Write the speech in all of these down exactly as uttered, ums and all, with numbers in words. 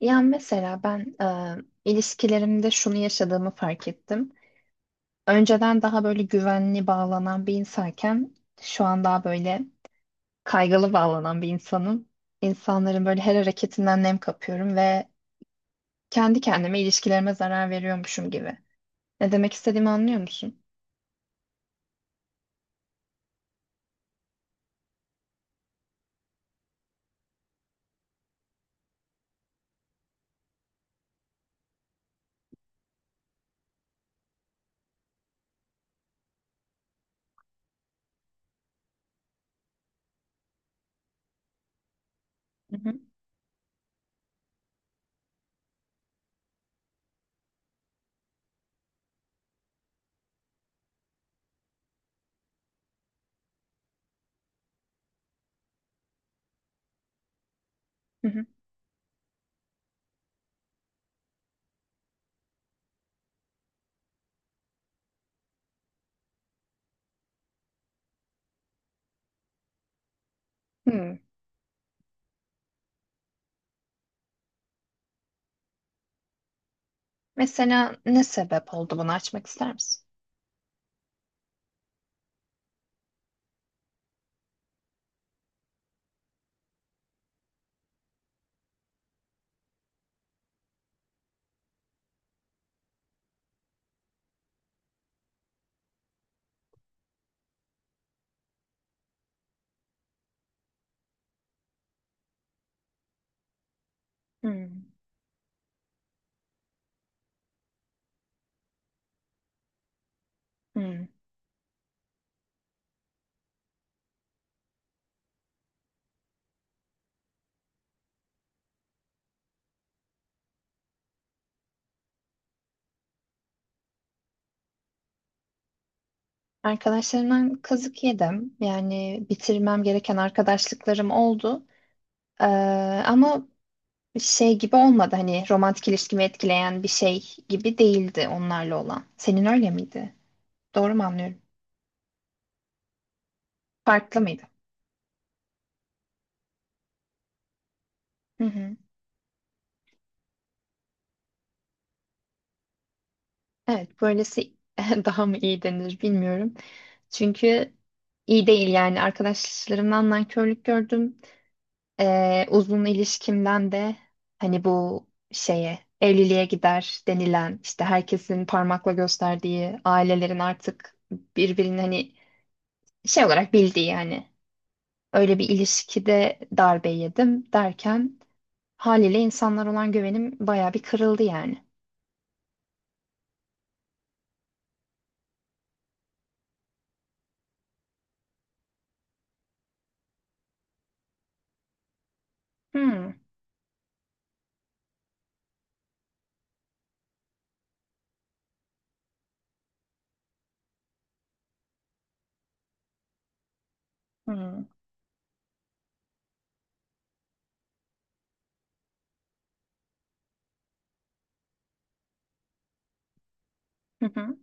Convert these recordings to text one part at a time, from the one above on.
Ya mesela ben e, ilişkilerimde şunu yaşadığımı fark ettim. Önceden daha böyle güvenli bağlanan bir insanken şu an daha böyle kaygılı bağlanan bir insanım. İnsanların böyle her hareketinden nem kapıyorum ve kendi kendime ilişkilerime zarar veriyormuşum gibi. Ne demek istediğimi anlıyor musun? Hı hı. Hı hı. Hmm. Mesela ne sebep oldu, bunu açmak ister misin? Hmm. Hmm. Arkadaşlarımdan kazık yedim. Yani bitirmem gereken arkadaşlıklarım oldu. Ee, ama şey gibi olmadı, hani romantik ilişkimi etkileyen bir şey gibi değildi onlarla olan. Senin öyle miydi? Doğru mu anlıyorum? Farklı mıydı? Hı hı. Evet, böylesi daha mı iyi denir bilmiyorum. Çünkü iyi değil yani, arkadaşlarımdan nankörlük gördüm. Ee, uzun ilişkimden de hani bu şeye, evliliğe gider denilen, işte herkesin parmakla gösterdiği ailelerin artık birbirini hani şey olarak bildiği yani, öyle bir ilişkide darbe yedim derken haliyle insanlar olan güvenim baya bir kırıldı yani. Hmm. Hmm. Hı hı.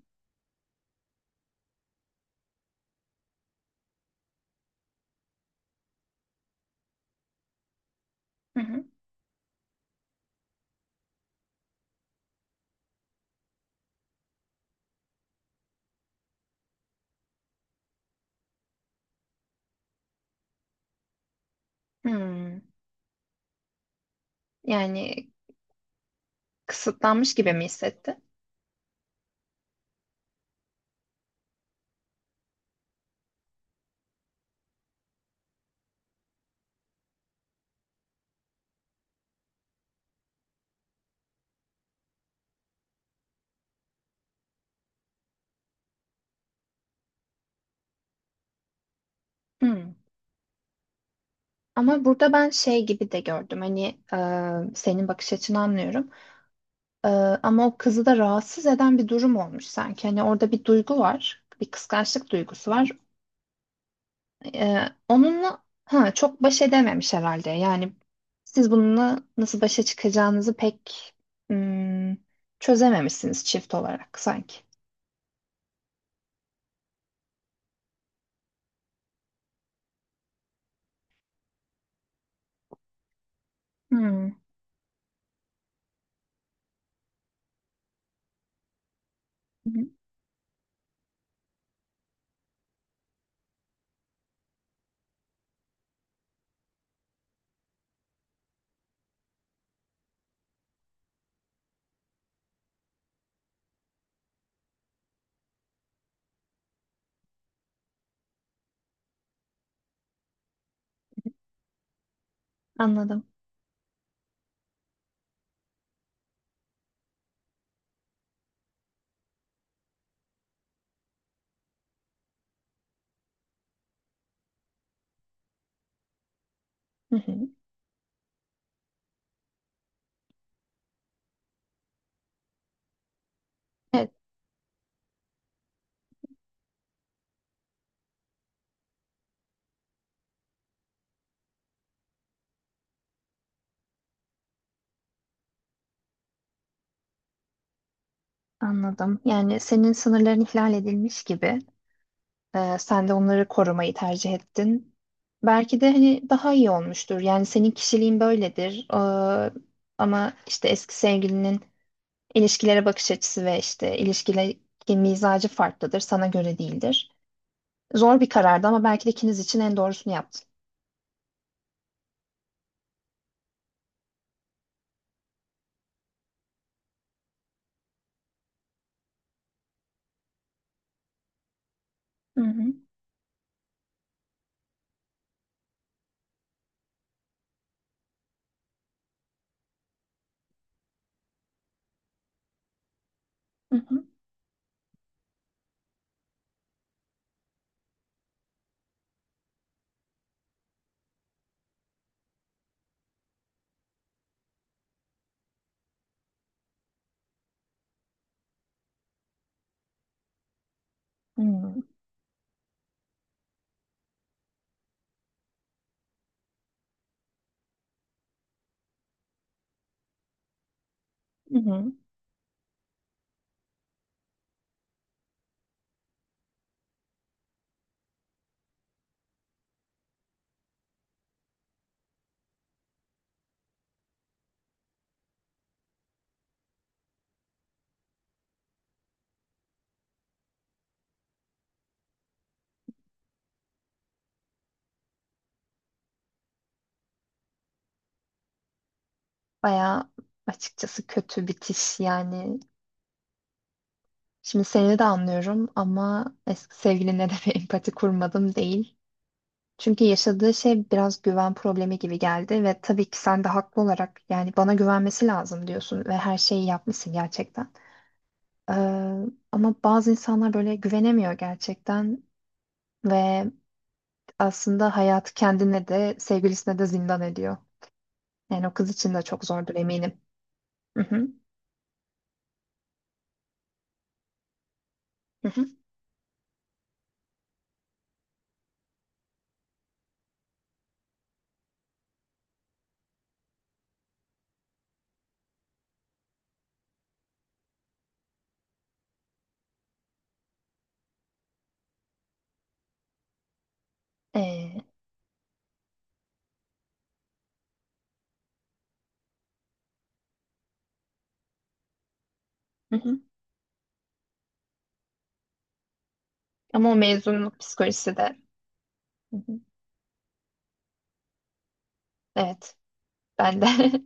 Hı hı. Hmm. Yani kısıtlanmış gibi mi hissetti? Hmm. Ama burada ben şey gibi de gördüm hani, e, senin bakış açını anlıyorum. E, Ama o kızı da rahatsız eden bir durum olmuş sanki, hani orada bir duygu var, bir kıskançlık duygusu var. E, Onunla ha, çok baş edememiş herhalde yani, siz bununla nasıl başa çıkacağınızı pek hmm, çözememişsiniz çift olarak sanki. Hmm. Hı hı. Anladım. Hı hı. Evet, anladım yani, senin sınırların ihlal edilmiş gibi. Ee, sen de onları korumayı tercih ettin. Belki de hani daha iyi olmuştur. Yani senin kişiliğin böyledir. Ee, ama işte eski sevgilinin ilişkilere bakış açısı ve işte ilişkilerdeki mizacı farklıdır. Sana göre değildir. Zor bir karardı ama belki de ikiniz için en doğrusunu yaptın. Hı hı. Hı hı. Hı hı. Hı. Hı. Bayağı açıkçası kötü bitiş yani. Şimdi seni de anlıyorum ama eski sevgiline de bir empati kurmadım değil. Çünkü yaşadığı şey biraz güven problemi gibi geldi ve tabii ki sen de haklı olarak yani bana güvenmesi lazım diyorsun ve her şeyi yapmışsın gerçekten. Ee, ama bazı insanlar böyle güvenemiyor gerçekten ve aslında hayatı kendine de sevgilisine de zindan ediyor. Yani o kız için de çok zordur eminim. Hı hı. Hı hı. Ee, hı hı. Ama o mezunluk psikolojisi de. Hı hı. Evet, ben de.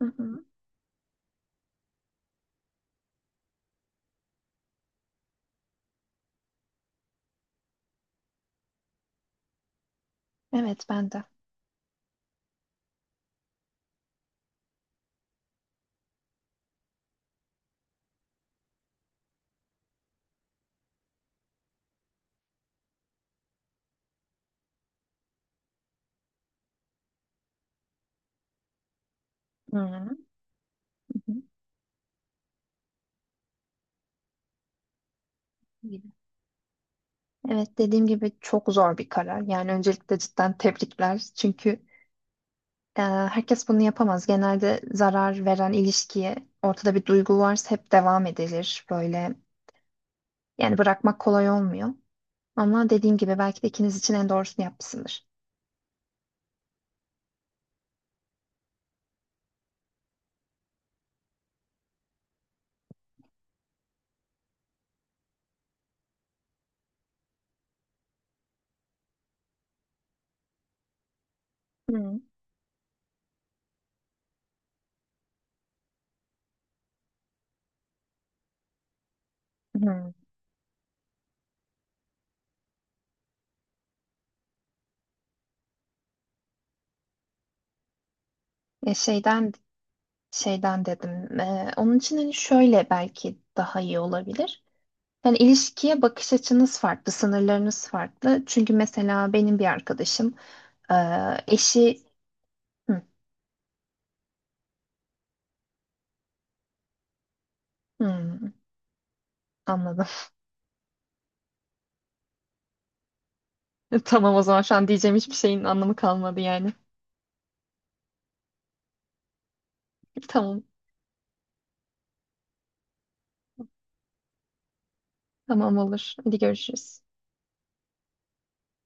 Hı hı. Evet, ben de. Hı hı. Hı hı. Evet, dediğim gibi çok zor bir karar. Yani öncelikle cidden tebrikler. Çünkü e, herkes bunu yapamaz. Genelde zarar veren ilişkiye, ortada bir duygu varsa hep devam edilir. Böyle yani, bırakmak kolay olmuyor. Ama dediğim gibi belki de ikiniz için en doğrusunu yapmışsındır. Hı hı. Ya şeyden şeyden dedim. Ee, onun için hani şöyle belki daha iyi olabilir. Yani ilişkiye bakış açınız farklı, sınırlarınız farklı. Çünkü mesela benim bir arkadaşım e, eşi... Hı, hı, anladım. Tamam, o zaman şu an diyeceğim hiçbir şeyin anlamı kalmadı yani. Tamam, tamam olur. Hadi görüşürüz.